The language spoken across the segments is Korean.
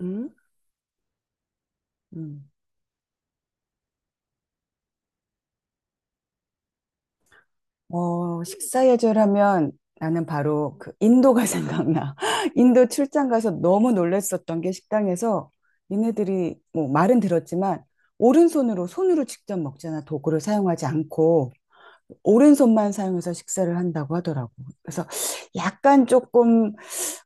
음? 음. 식사 예절하면 나는 바로 그 인도가 생각나. 인도 출장 가서 너무 놀랬었던 게 식당에서 얘네들이 뭐 말은 들었지만 오른손으로 손으로 직접 먹잖아. 도구를 사용하지 않고 오른손만 사용해서 식사를 한다고 하더라고. 그래서 약간 조금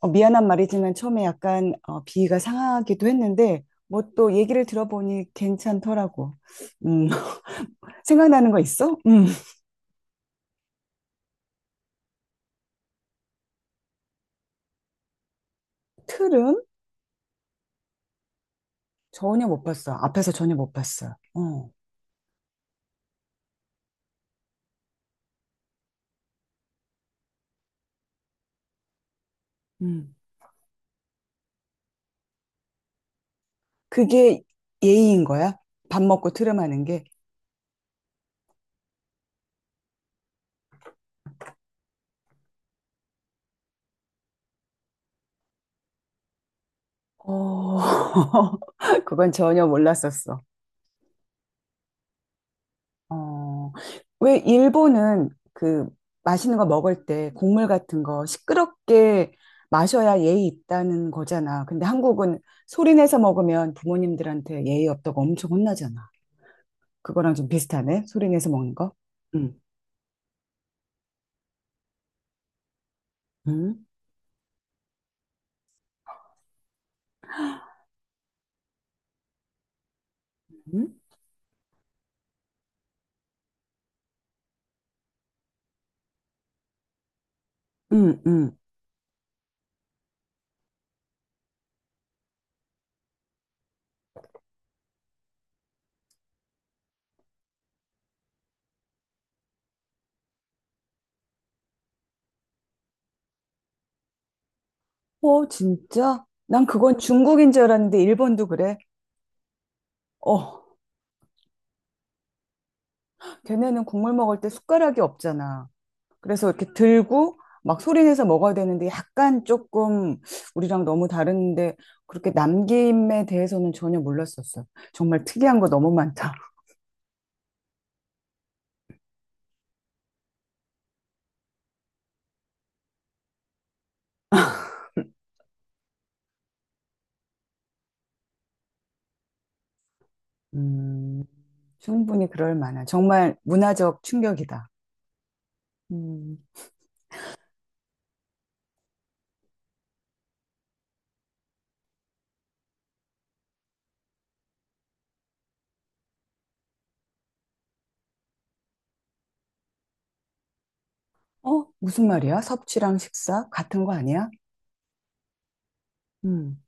미안한 말이지만 처음에 약간 비위가 상하기도 했는데 뭐 또 얘기를 들어보니 괜찮더라고. 음, 생각나는 거 있어? 음. 트름? 전혀 못 봤어. 앞에서 전혀 못 봤어. 음. 그게 예의인 거야? 밥 먹고 트름하는 게? 어, 그건 전혀 몰랐었어. 어, 왜 일본은 그 맛있는 거 먹을 때 국물 같은 거 시끄럽게 마셔야 예의 있다는 거잖아. 근데 한국은 소리 내서 먹으면 부모님들한테 예의 없다고 엄청 혼나잖아. 그거랑 좀 비슷하네. 소리 내서 먹는 거? 응, 응, 응, 응, 응. 어, 진짜? 난 그건 중국인 줄 알았는데 일본도 그래? 어, 걔네는 국물 먹을 때 숟가락이 없잖아. 그래서 이렇게 들고 막 소리 내서 먹어야 되는데 약간 조금 우리랑 너무 다른데 그렇게 남김에 대해서는 전혀 몰랐었어. 정말 특이한 거 너무 많다. 음, 충분히 그럴 만한. 정말 문화적 충격이다. 음, 어? 무슨 말이야? 섭취랑 식사? 같은 거 아니야? 음,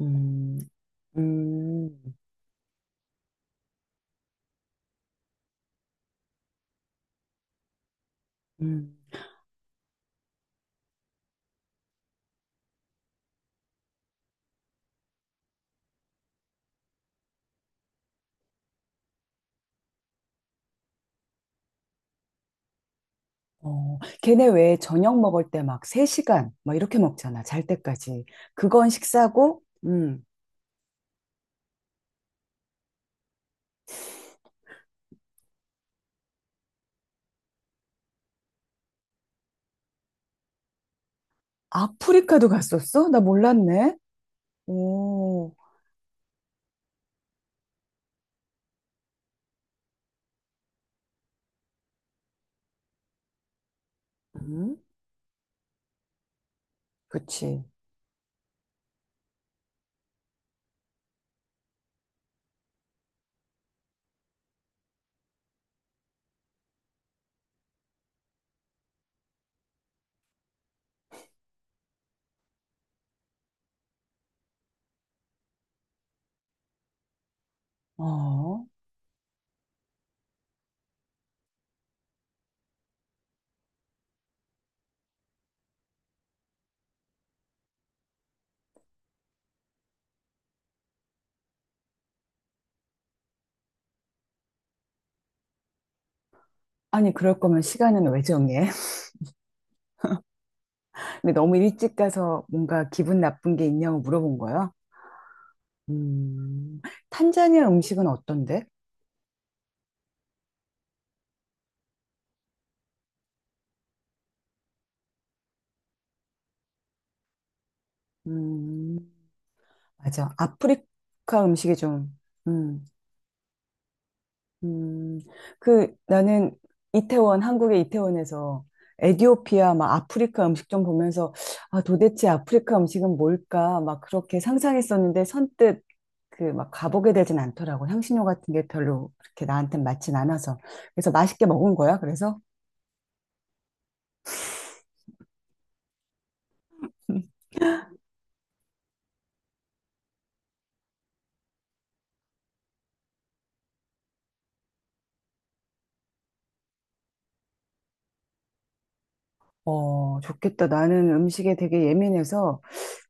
음, 음, 음. 걔네 왜 저녁 먹을 때 막 3시간 막 이렇게 먹잖아. 잘 때까지. 그건 식사고, 아프리카도 갔었어? 나 몰랐네. 오, 음, 그치. 어. 아니, 그럴 거면 시간은 왜 정해? 근데 너무 일찍 가서 뭔가 기분 나쁜 게 있냐고 물어본 거야. 음. 탄자니아 음식은 어떤데? 음. 맞아. 아프리카 음식이 좀, 음. 음, 그 나는 이태원, 한국의 이태원에서 에디오피아, 막 아프리카 음식 좀 보면서 아, 도대체 아프리카 음식은 뭘까? 막 그렇게 상상했었는데 선뜻 그 막 가보게 되진 않더라고. 향신료 같은 게 별로 그렇게 나한테 맞진 않아서. 그래서 맛있게 먹은 거야, 그래서? 어, 좋겠다. 나는 음식에 되게 예민해서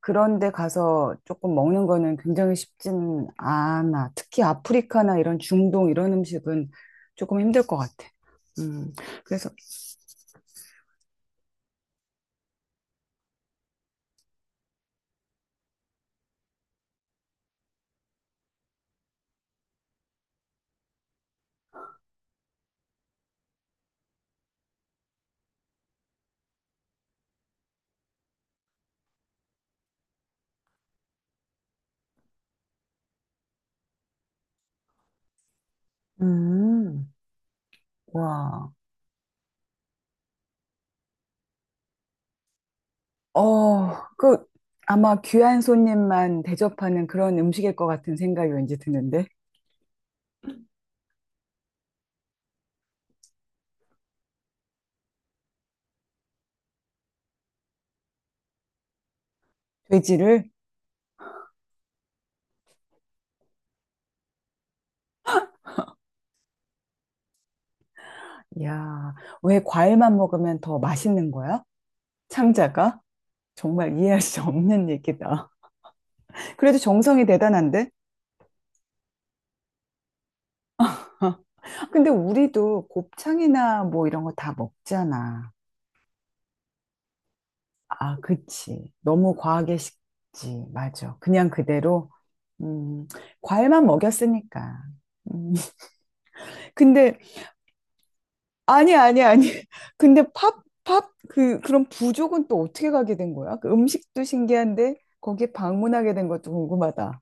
그런 데 가서 조금 먹는 거는 굉장히 쉽진 않아. 특히 아프리카나 이런 중동 이런 음식은 조금 힘들 것 같아. 음, 그래서, 음, 와. 어, 그, 아마 귀한 손님만 대접하는 그런 음식일 것 같은 생각이 왠지 드는데. 돼지를? 야, 왜 과일만 먹으면 더 맛있는 거야? 창자가? 정말 이해할 수 없는 얘기다. 그래도 정성이 대단한데? 근데 우리도 곱창이나 뭐 이런 거 다 먹잖아. 아, 그치. 너무 과하게 식지. 맞아. 그냥 그대로, 음, 과일만 먹였으니까. 음, 근데, 아니, 아니, 아니. 근데 그런 부족은 또 어떻게 가게 된 거야? 그 음식도 신기한데, 거기에 방문하게 된 것도 궁금하다.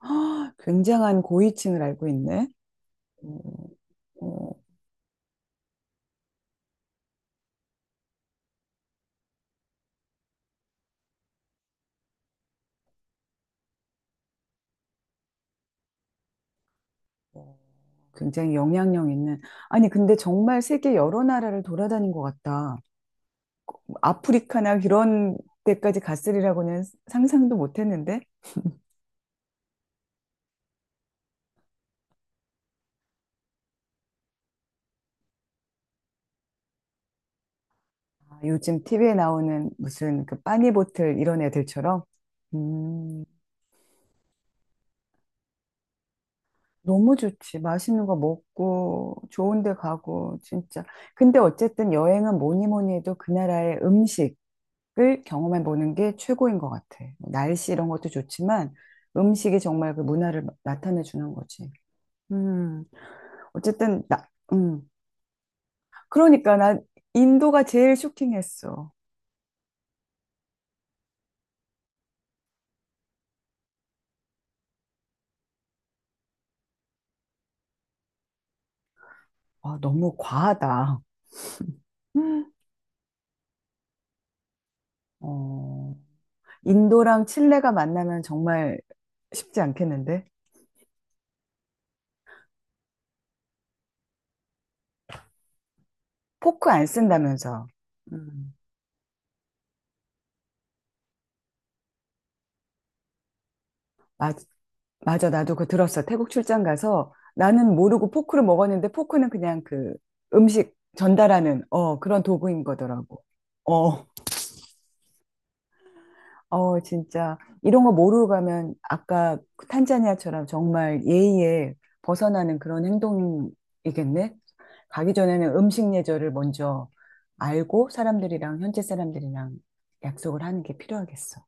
굉장한 고위층을 알고 있네. 음, 음, 음. 굉장히 영향력 있는. 아니, 근데 정말 세계 여러 나라를 돌아다닌 것 같다. 뭐 아프리카나 이런 데까지 갔으리라고는 상상도 못 했는데. 아, 요즘 TV에 나오는 무슨 그 빠니보틀 이런 애들처럼. 음, 너무 좋지. 맛있는 거 먹고, 좋은 데 가고, 진짜. 근데 어쨌든 여행은 뭐니 뭐니 해도 그 나라의 음식을 경험해 보는 게 최고인 것 같아. 뭐 날씨 이런 것도 좋지만 음식이 정말 그 문화를 나타내 주는 거지. 음, 어쨌든, 나, 그러니까, 나 인도가 제일 쇼킹했어. 아, 너무 과하다. 음. 어, 인도랑 칠레가 만나면 정말 쉽지 않겠는데? 포크 안 쓴다면서. 음. 맞, 맞아, 나도 그거 들었어. 태국 출장 가서 나는 모르고 포크를 먹었는데 포크는 그냥 그 음식 전달하는, 그런 도구인 거더라고. 어. 어, 진짜. 이런 거 모르고 가면 아까 그 탄자니아처럼 정말 예의에 벗어나는 그런 행동이겠네? 가기 전에는 음식 예절을 먼저 알고 사람들이랑, 현지 사람들이랑 약속을 하는 게 필요하겠어.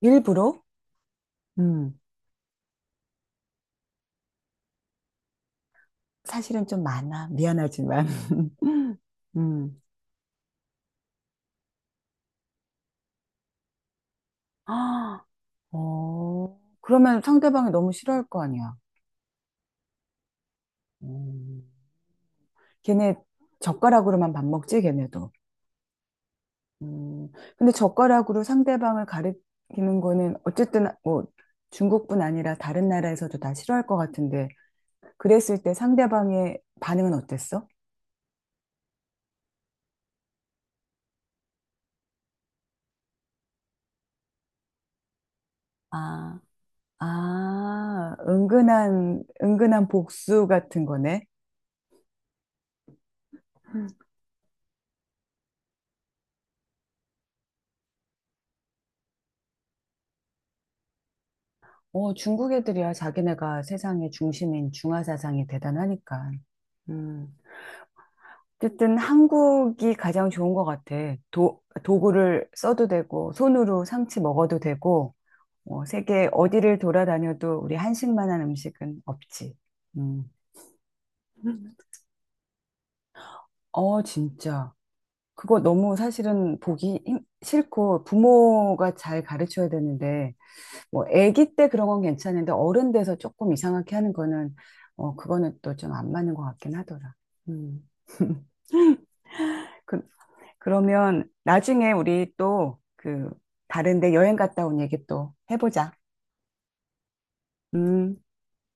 일부러? 음, 사실은 좀 많아. 미안하지만. 음. 아, 그러면 상대방이 너무 싫어할 거 아니야. 음. 걔네 젓가락으로만 밥 먹지, 걔네도. 음, 근데 젓가락으로 상대방을 가리키는 거는 어쨌든 뭐 중국뿐 아니라 다른 나라에서도 다 싫어할 것 같은데 그랬을 때 상대방의 반응은 어땠어? 아, 아, 은근한, 은근한 복수 같은 거네. 음. 중국 애들이야. 자기네가 세상의 중심인 중화 사상이 대단하니까. 음. 어쨌든 한국이 가장 좋은 것 같아. 도구를 써도 되고, 손으로 상치 먹어도 되고, 세계 어디를 돌아다녀도 우리 한식만한 음식은 없지. 음. 어, 진짜. 그거 너무 사실은 보기 싫고 부모가 잘 가르쳐야 되는데, 뭐, 아기 때 그런 건 괜찮은데 어른 돼서 조금 이상하게 하는 거는, 그거는 또 좀 안 맞는 것 같긴 하더라. 음. 그, 그러면 나중에 우리 또 다른데 여행 갔다 온 얘기 또 해보자. 음.